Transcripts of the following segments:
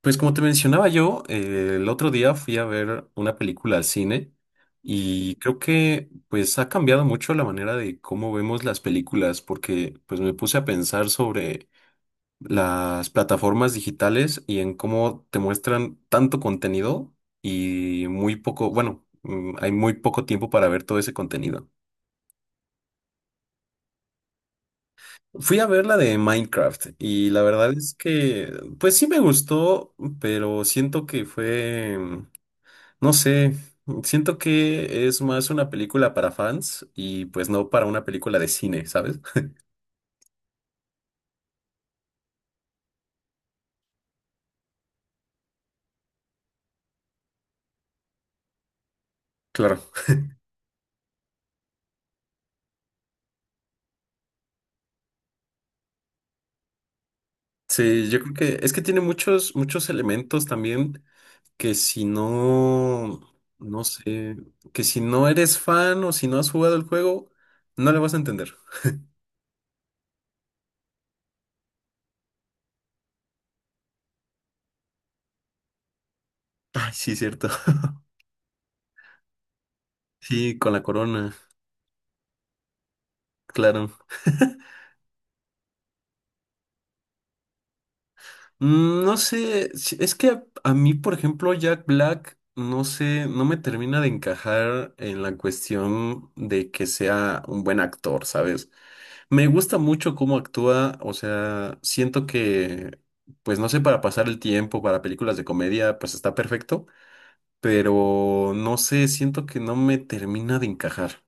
Pues como te mencionaba yo, el otro día fui a ver una película al cine y creo que pues ha cambiado mucho la manera de cómo vemos las películas porque pues me puse a pensar sobre las plataformas digitales y en cómo te muestran tanto contenido y muy poco, bueno, hay muy poco tiempo para ver todo ese contenido. Fui a ver la de Minecraft y la verdad es que pues sí me gustó, pero siento que fue... No sé, siento que es más una película para fans y pues no para una película de cine, ¿sabes? Claro. Sí, yo creo que es que tiene muchos, muchos elementos también que si no, no sé, que si no eres fan o si no has jugado el juego, no le vas a entender. Ay, sí, cierto. Sí, con la corona, claro. No sé, es que a mí, por ejemplo, Jack Black, no sé, no me termina de encajar en la cuestión de que sea un buen actor, ¿sabes? Me gusta mucho cómo actúa, o sea, siento que, pues no sé, para pasar el tiempo, para películas de comedia, pues está perfecto, pero no sé, siento que no me termina de encajar.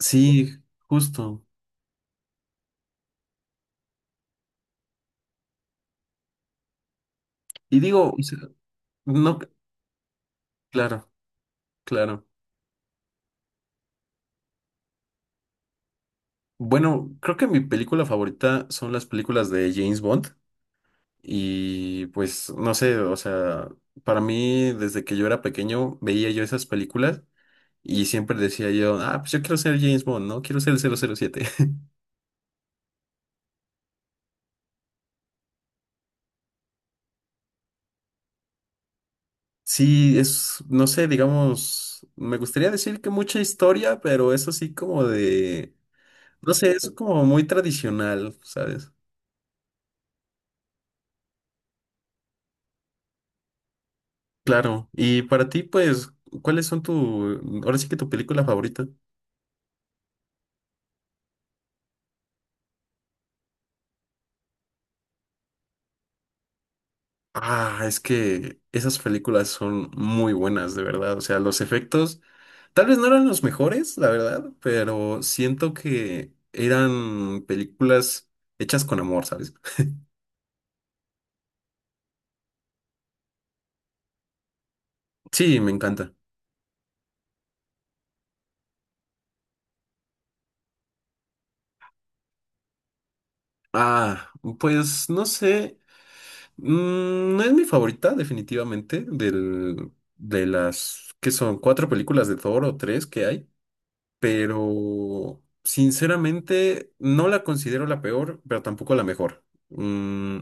Sí, justo. Y digo, o sea, no, claro, claro. Bueno, creo que mi película favorita son las películas de James Bond y pues no sé, o sea, para mí desde que yo era pequeño veía yo esas películas y siempre decía yo, ah, pues yo quiero ser James Bond, ¿no? Quiero ser el cero cero siete. Sí, es, no sé, digamos, me gustaría decir que mucha historia, pero eso sí como de, no sé, es como muy tradicional, ¿sabes? Claro, y para ti pues, ¿cuáles son tu, ahora sí que tu película favorita? Ah, es que esas películas son muy buenas, de verdad. O sea, los efectos tal vez no eran los mejores, la verdad, pero siento que eran películas hechas con amor, ¿sabes? Sí, me encanta. Ah, pues no sé. No es mi favorita, definitivamente, del, de las que son cuatro películas de Thor o tres que hay, pero sinceramente no la considero la peor, pero tampoco la mejor. Mm,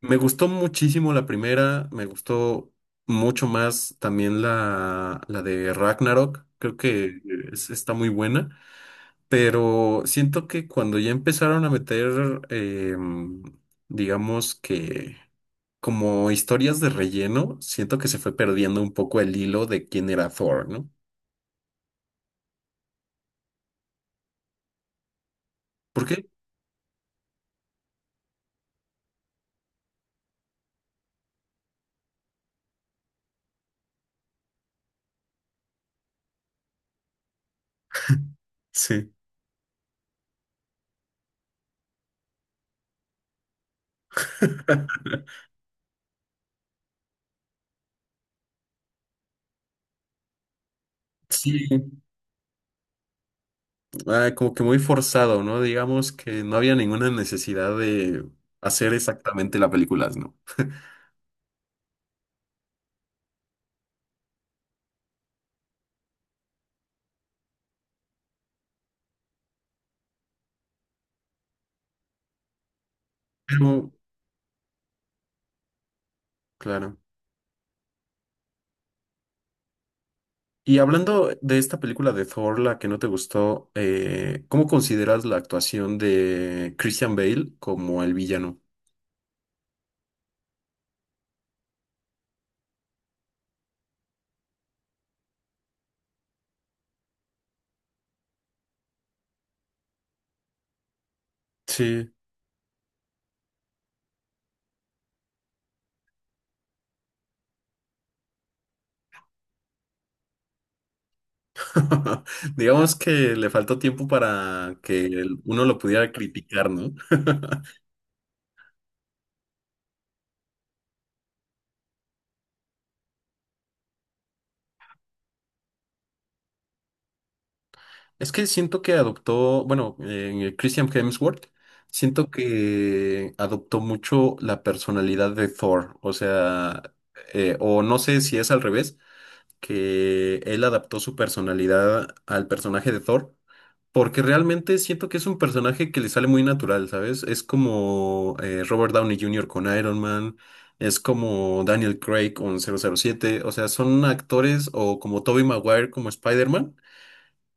Me gustó muchísimo la primera, me gustó mucho más también la de Ragnarok, creo que está muy buena, pero siento que cuando ya empezaron a meter, digamos que como historias de relleno, siento que se fue perdiendo un poco el hilo de quién era Thor, ¿no? ¿Por qué? Sí. Sí, ah, como que muy forzado, ¿no? Digamos que no había ninguna necesidad de hacer exactamente la película, ¿no? Pero claro. Y hablando de esta película de Thor, la que no te gustó, ¿cómo consideras la actuación de Christian Bale como el villano? Sí. Digamos que le faltó tiempo para que uno lo pudiera criticar, ¿no? Es que siento que adoptó, bueno, Christian Hemsworth, siento que adoptó mucho la personalidad de Thor, o sea, o no sé si es al revés que él adaptó su personalidad al personaje de Thor, porque realmente siento que es un personaje que le sale muy natural, ¿sabes? Es como Robert Downey Jr. con Iron Man, es como Daniel Craig con 007, o sea, son actores o como Tobey Maguire como Spider-Man,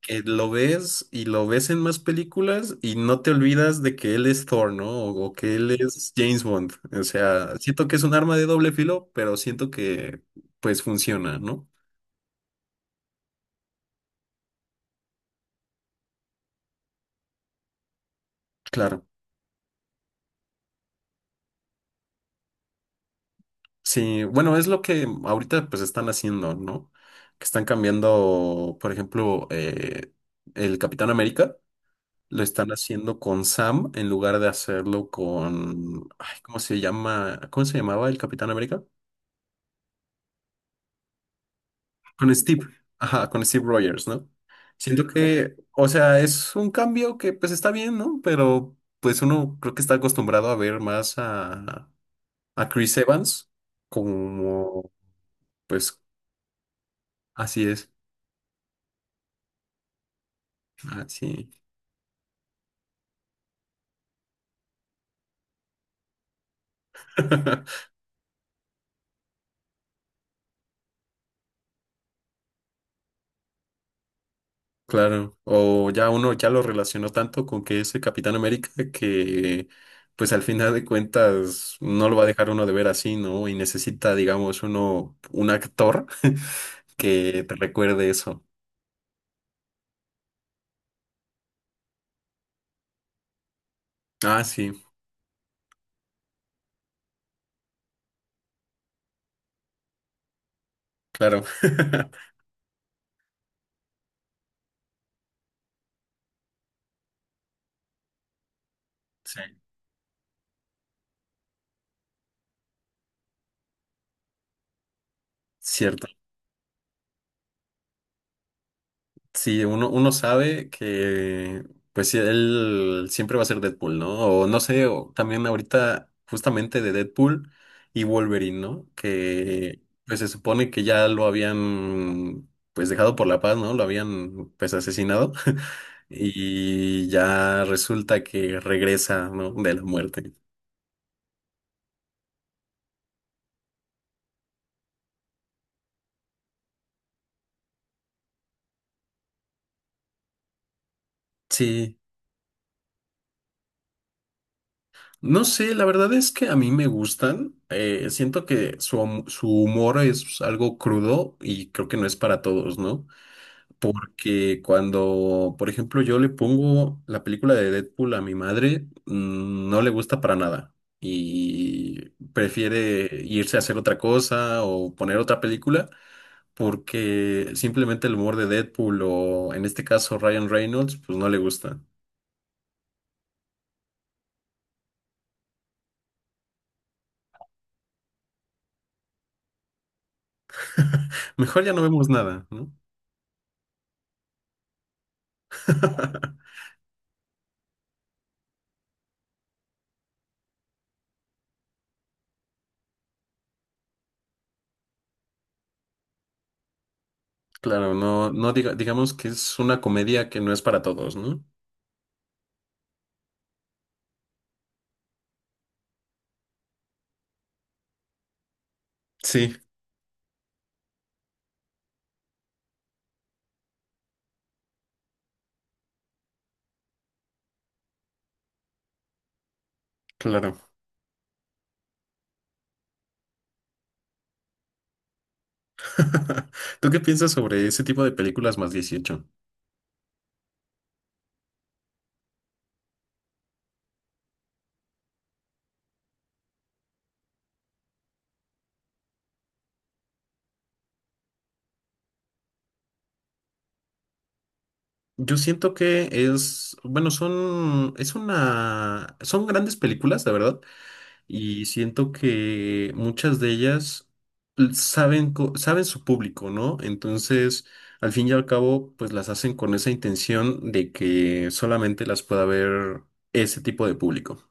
que lo ves y lo ves en más películas y no te olvidas de que él es Thor, ¿no? O que él es James Bond, o sea, siento que es un arma de doble filo, pero siento que pues funciona, ¿no? Claro. Sí, bueno, es lo que ahorita pues están haciendo, ¿no? Que están cambiando, por ejemplo, el Capitán América, lo están haciendo con Sam en lugar de hacerlo con, ay, ¿cómo se llama? ¿Cómo se llamaba el Capitán América? Con Steve, ajá, con Steve Rogers, ¿no? Siento que, o sea, es un cambio que pues está bien, ¿no? Pero pues uno creo que está acostumbrado a ver más a Chris Evans como, pues así es, así. Claro, o ya uno ya lo relacionó tanto con que es el Capitán América que pues al final de cuentas no lo va a dejar uno de ver así, ¿no? Y necesita, digamos, uno, un actor que te recuerde eso. Ah, sí, claro. Sí. Cierto. Sí, uno sabe que, pues sí, él siempre va a ser Deadpool, ¿no? O no sé, o también ahorita justamente de Deadpool y Wolverine, ¿no? Que pues se supone que ya lo habían, pues dejado por la paz, ¿no? Lo habían, pues asesinado y ya resulta que regresa, ¿no? De la muerte. Sí, no sé, la verdad es que a mí me gustan. Siento que su, su humor es algo crudo y creo que no es para todos, ¿no? Porque cuando, por ejemplo, yo le pongo la película de Deadpool a mi madre, no le gusta para nada y prefiere irse a hacer otra cosa o poner otra película porque simplemente el humor de Deadpool o en este caso Ryan Reynolds, pues no le gusta. Mejor ya no vemos nada, ¿no? Claro, no, digamos que es una comedia que no es para todos, ¿no? Sí, claro. ¿Tú qué piensas sobre ese tipo de películas más 18? Yo siento que es, bueno, son, es una, son grandes películas, la verdad, y siento que muchas de ellas saben, saben su público, ¿no? Entonces, al fin y al cabo, pues las hacen con esa intención de que solamente las pueda ver ese tipo de público.